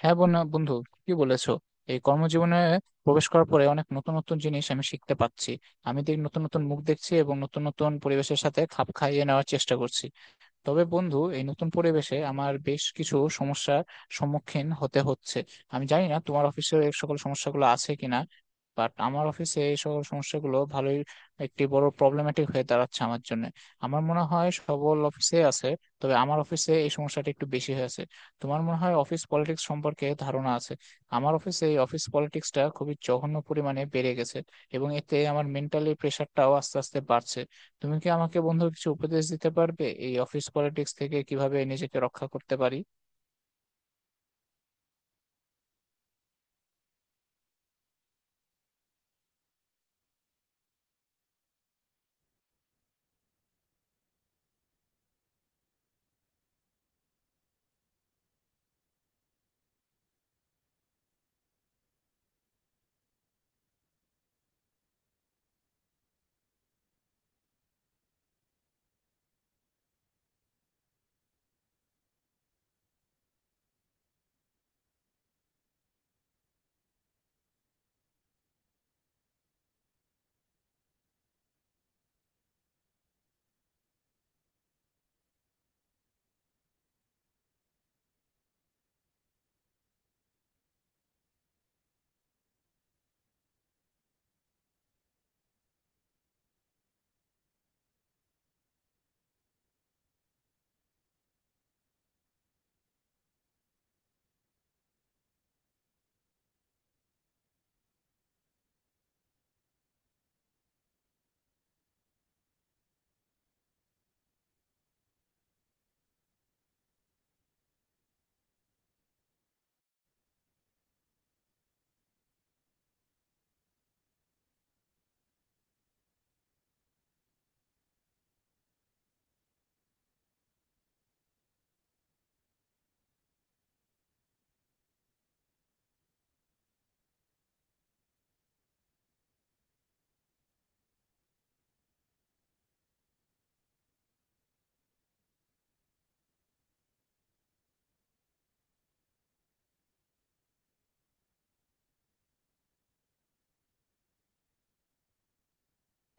হ্যাঁ, বন্ধু কি বলেছো? এই কর্মজীবনে প্রবেশ করার পরে অনেক নতুন নতুন জিনিস আমি শিখতে পাচ্ছি। আমি দেখ, নতুন নতুন মুখ দেখছি এবং নতুন নতুন পরিবেশের সাথে খাপ খাইয়ে নেওয়ার চেষ্টা করছি। তবে বন্ধু, এই নতুন পরিবেশে আমার বেশ কিছু সমস্যার সম্মুখীন হতে হচ্ছে। আমি জানি না তোমার অফিসে এই সকল সমস্যাগুলো আছে কিনা, বাট আমার অফিসে এই সকল সমস্যাগুলো ভালোই একটি বড় প্রবলেম্যাটিক হয়ে দাঁড়াচ্ছে আমার জন্য। আমার মনে হয় সবল অফিসে আছে, তবে আমার অফিসে এই সমস্যাটা একটু বেশি হয়েছে। তোমার মনে হয় অফিস পলিটিক্স সম্পর্কে ধারণা আছে। আমার অফিসে এই অফিস পলিটিক্সটা খুবই জঘন্য পরিমাণে বেড়ে গেছে এবং এতে আমার মেন্টালি প্রেশারটাও আস্তে আস্তে বাড়ছে। তুমি কি আমাকে বন্ধু কিছু উপদেশ দিতে পারবে, এই অফিস পলিটিক্স থেকে কিভাবে নিজেকে রক্ষা করতে পারি?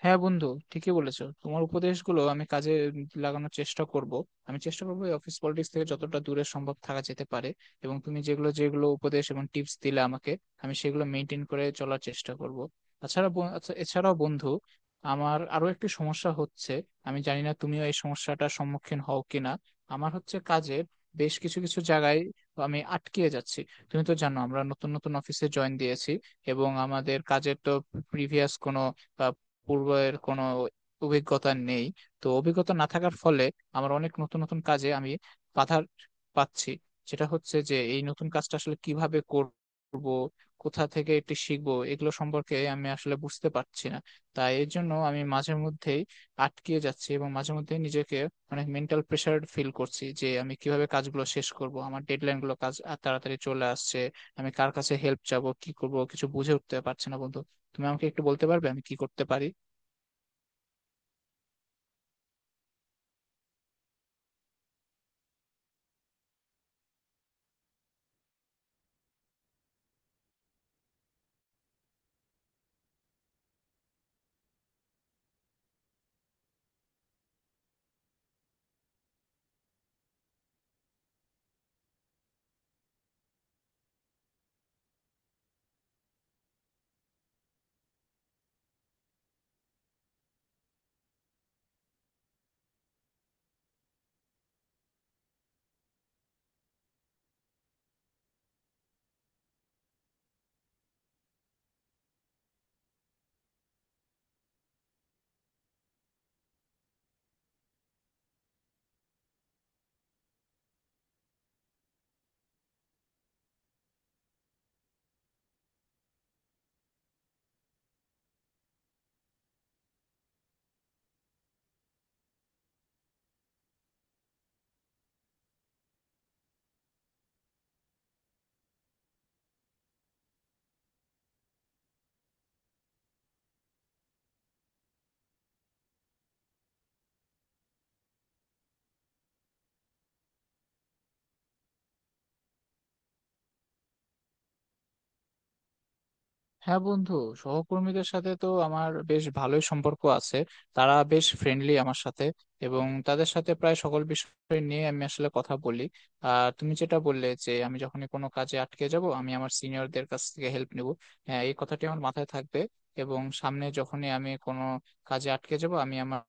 হ্যাঁ বন্ধু, ঠিকই বলেছো। তোমার উপদেশগুলো আমি কাজে লাগানোর চেষ্টা করব। আমি চেষ্টা করবো এই অফিস পলিটিক্স থেকে যতটা দূরে সম্ভব থাকা যেতে পারে। এবং তুমি যেগুলো যেগুলো উপদেশ এবং টিপস দিলে আমাকে, আমি সেগুলো মেনটেন করে চলার চেষ্টা করব। তাছাড়া এছাড়াও বন্ধু, আমার আরো একটি সমস্যা হচ্ছে। আমি জানি না তুমিও এই সমস্যাটার সম্মুখীন হও কিনা। আমার হচ্ছে কাজের বেশ কিছু কিছু জায়গায় আমি আটকিয়ে যাচ্ছি। তুমি তো জানো আমরা নতুন নতুন অফিসে জয়েন দিয়েছি এবং আমাদের কাজের তো প্রিভিয়াস কোনো, পূর্বের কোনো অভিজ্ঞতা নেই। তো অভিজ্ঞতা না থাকার ফলে আমার অনেক নতুন নতুন কাজে আমি বাধা পাচ্ছি। সেটা হচ্ছে যে এই নতুন কাজটা আসলে কিভাবে করব, কোথা থেকে এটি শিখবো, এগুলো সম্পর্কে আমি আসলে বুঝতে পারছি না। তাই এর জন্য আমি মাঝে মধ্যেই আটকিয়ে যাচ্ছি এবং মাঝে মধ্যে নিজেকে অনেক মেন্টাল প্রেশার ফিল করছি যে আমি কিভাবে কাজগুলো শেষ করব, আমার ডেডলাইন গুলো কাজ আর তাড়াতাড়ি চলে আসছে। আমি কার কাছে হেল্প চাবো, কি করব, কিছু বুঝে উঠতে পারছি না বন্ধু। তুমি আমাকে একটু বলতে পারবে আমি কি করতে পারি? হ্যাঁ বন্ধু, সহকর্মীদের সাথে তো আমার বেশ ভালোই সম্পর্ক আছে। তারা বেশ ফ্রেন্ডলি আমার সাথে এবং তাদের সাথে প্রায় সকল বিষয় নিয়ে আমি আসলে কথা বলি। আর তুমি যেটা বললে যে আমি যখনই কোনো কাজে আটকে যাব আমি আমার সিনিয়রদের কাছ থেকে হেল্প নেব, হ্যাঁ এই কথাটি আমার মাথায় থাকবে। এবং সামনে যখনই আমি কোনো কাজে আটকে যাব আমি আমার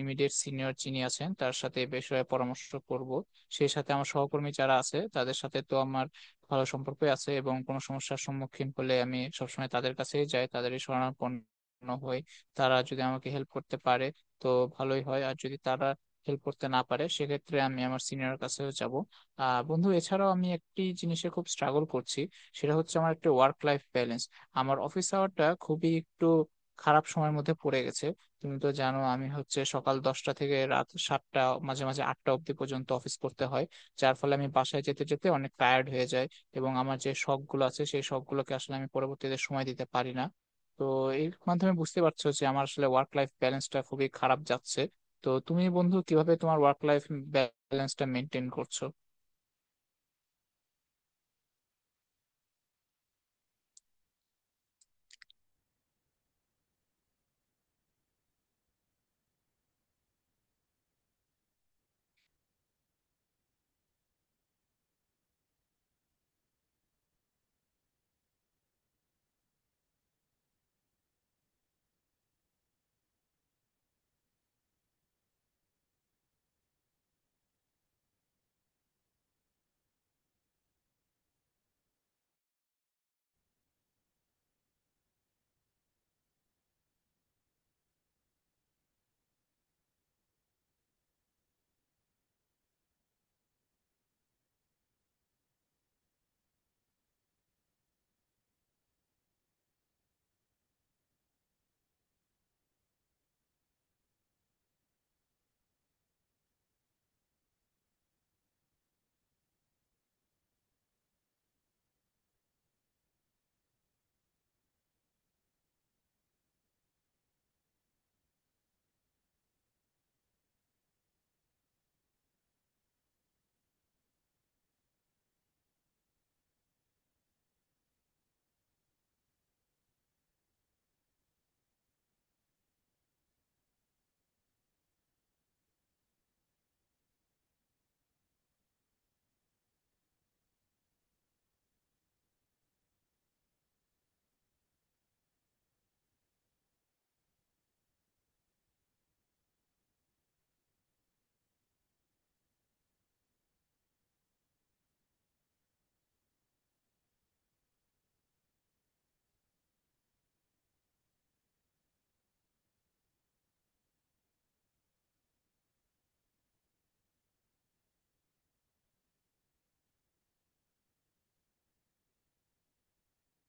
ইমিডিয়েট সিনিয়র যিনি আছেন তার সাথে এ বিষয়ে পরামর্শ করব। সেই সাথে আমার সহকর্মী যারা আছে তাদের সাথে তো আমার ভালো সম্পর্ক আছে এবং কোনো সমস্যার সম্মুখীন হলে আমি সবসময় তাদের কাছেই যাই, তাদেরই শরণাপন্ন হই। তারা যদি আমাকে হেল্প করতে পারে তো ভালোই হয়, আর যদি তারা হেল্প করতে না পারে সেক্ষেত্রে আমি আমার সিনিয়র কাছেও যাব। আহ বন্ধু, এছাড়াও আমি একটি জিনিসে খুব স্ট্রাগল করছি। সেটা হচ্ছে আমার একটা ওয়ার্ক লাইফ ব্যালেন্স। আমার অফিস আওয়ারটা খুবই একটু খারাপ সময়ের মধ্যে পড়ে গেছে। তুমি তো জানো আমি হচ্ছে সকাল 10টা থেকে রাত 7টা, মাঝে মাঝে 8টা অবধি পর্যন্ত অফিস করতে হয়। যার ফলে আমি বাসায় যেতে যেতে অনেক টায়ার্ড হয়ে যাই এবং আমার যে শখ গুলো আছে সেই শখ গুলোকে আসলে আমি পরবর্তীতে সময় দিতে পারি না। তো এর মাধ্যমে বুঝতে পারছো যে আমার আসলে ওয়ার্ক লাইফ ব্যালেন্সটা খুবই খারাপ যাচ্ছে। তো তুমি বন্ধু কিভাবে তোমার ওয়ার্ক লাইফ ব্যালেন্সটা মেনটেন করছো?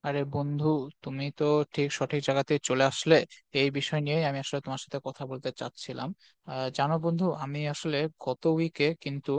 আরে বন্ধু, তুমি তো ঠিক সঠিক জায়গাতে চলে আসলে। এই বিষয় নিয়ে আমি আসলে তোমার সাথে কথা বলতে চাচ্ছিলাম। জানো বন্ধু, আমি আসলে গত উইকে কিন্তু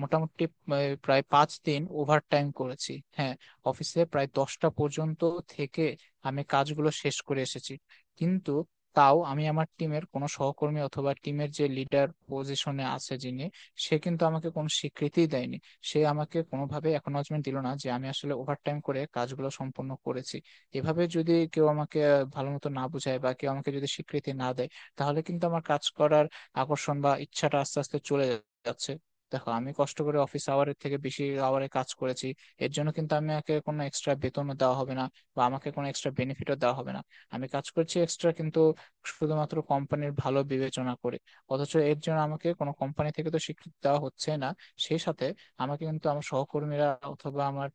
মোটামুটি আহ, প্রায় 5 দিন ওভার টাইম করেছি। হ্যাঁ, অফিসে প্রায় 10টা পর্যন্ত থেকে আমি কাজগুলো শেষ করে এসেছি। কিন্তু তাও আমি আমার টিমের কোনো সহকর্মী অথবা টিমের যে লিডার পজিশনে আছে যিনি, সে কিন্তু আমাকে কোনো স্বীকৃতি দেয়নি। সে আমাকে কোনোভাবে অ্যাকনলেজমেন্ট দিল না যে আমি আসলে ওভারটাইম করে কাজগুলো সম্পন্ন করেছি। এভাবে যদি কেউ আমাকে ভালো মতো না বোঝায় বা কেউ আমাকে যদি স্বীকৃতি না দেয়, তাহলে কিন্তু আমার কাজ করার আকর্ষণ বা ইচ্ছাটা আস্তে আস্তে চলে যাচ্ছে। দেখো, আমি কষ্ট করে অফিস আওয়ারের থেকে বেশি আওয়ারে কাজ করেছি। এর জন্য কিন্তু আমাকে কোনো এক্সট্রা বেতনও দেওয়া হবে না বা আমাকে কোনো এক্সট্রা বেনিফিটও দেওয়া হবে না। আমি কাজ করছি এক্সট্রা কিন্তু শুধুমাত্র কোম্পানির ভালো বিবেচনা করে। অথচ এর জন্য আমাকে কোনো কোম্পানি থেকে তো স্বীকৃতি দেওয়া হচ্ছে না। সেই সাথে আমাকে কিন্তু আমার সহকর্মীরা অথবা আমার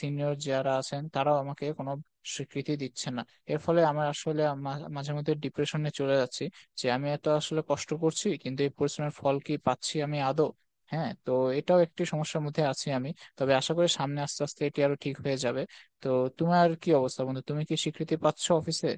সিনিয়র যারা আছেন তারাও আমাকে কোনো স্বীকৃতি দিচ্ছে না। এর ফলে আমার আসলে মাঝে মধ্যে ডিপ্রেশনে চলে যাচ্ছি যে আমি এত আসলে কষ্ট করছি, কিন্তু এই পরিশ্রমের ফল কি পাচ্ছি আমি আদৌ? হ্যাঁ, তো এটাও একটি সমস্যার মধ্যে আছি আমি। তবে আশা করি সামনে আস্তে আস্তে এটি আরো ঠিক হয়ে যাবে। তো তোমার কি অবস্থা বন্ধু, তুমি কি স্বীকৃতি পাচ্ছ অফিসে?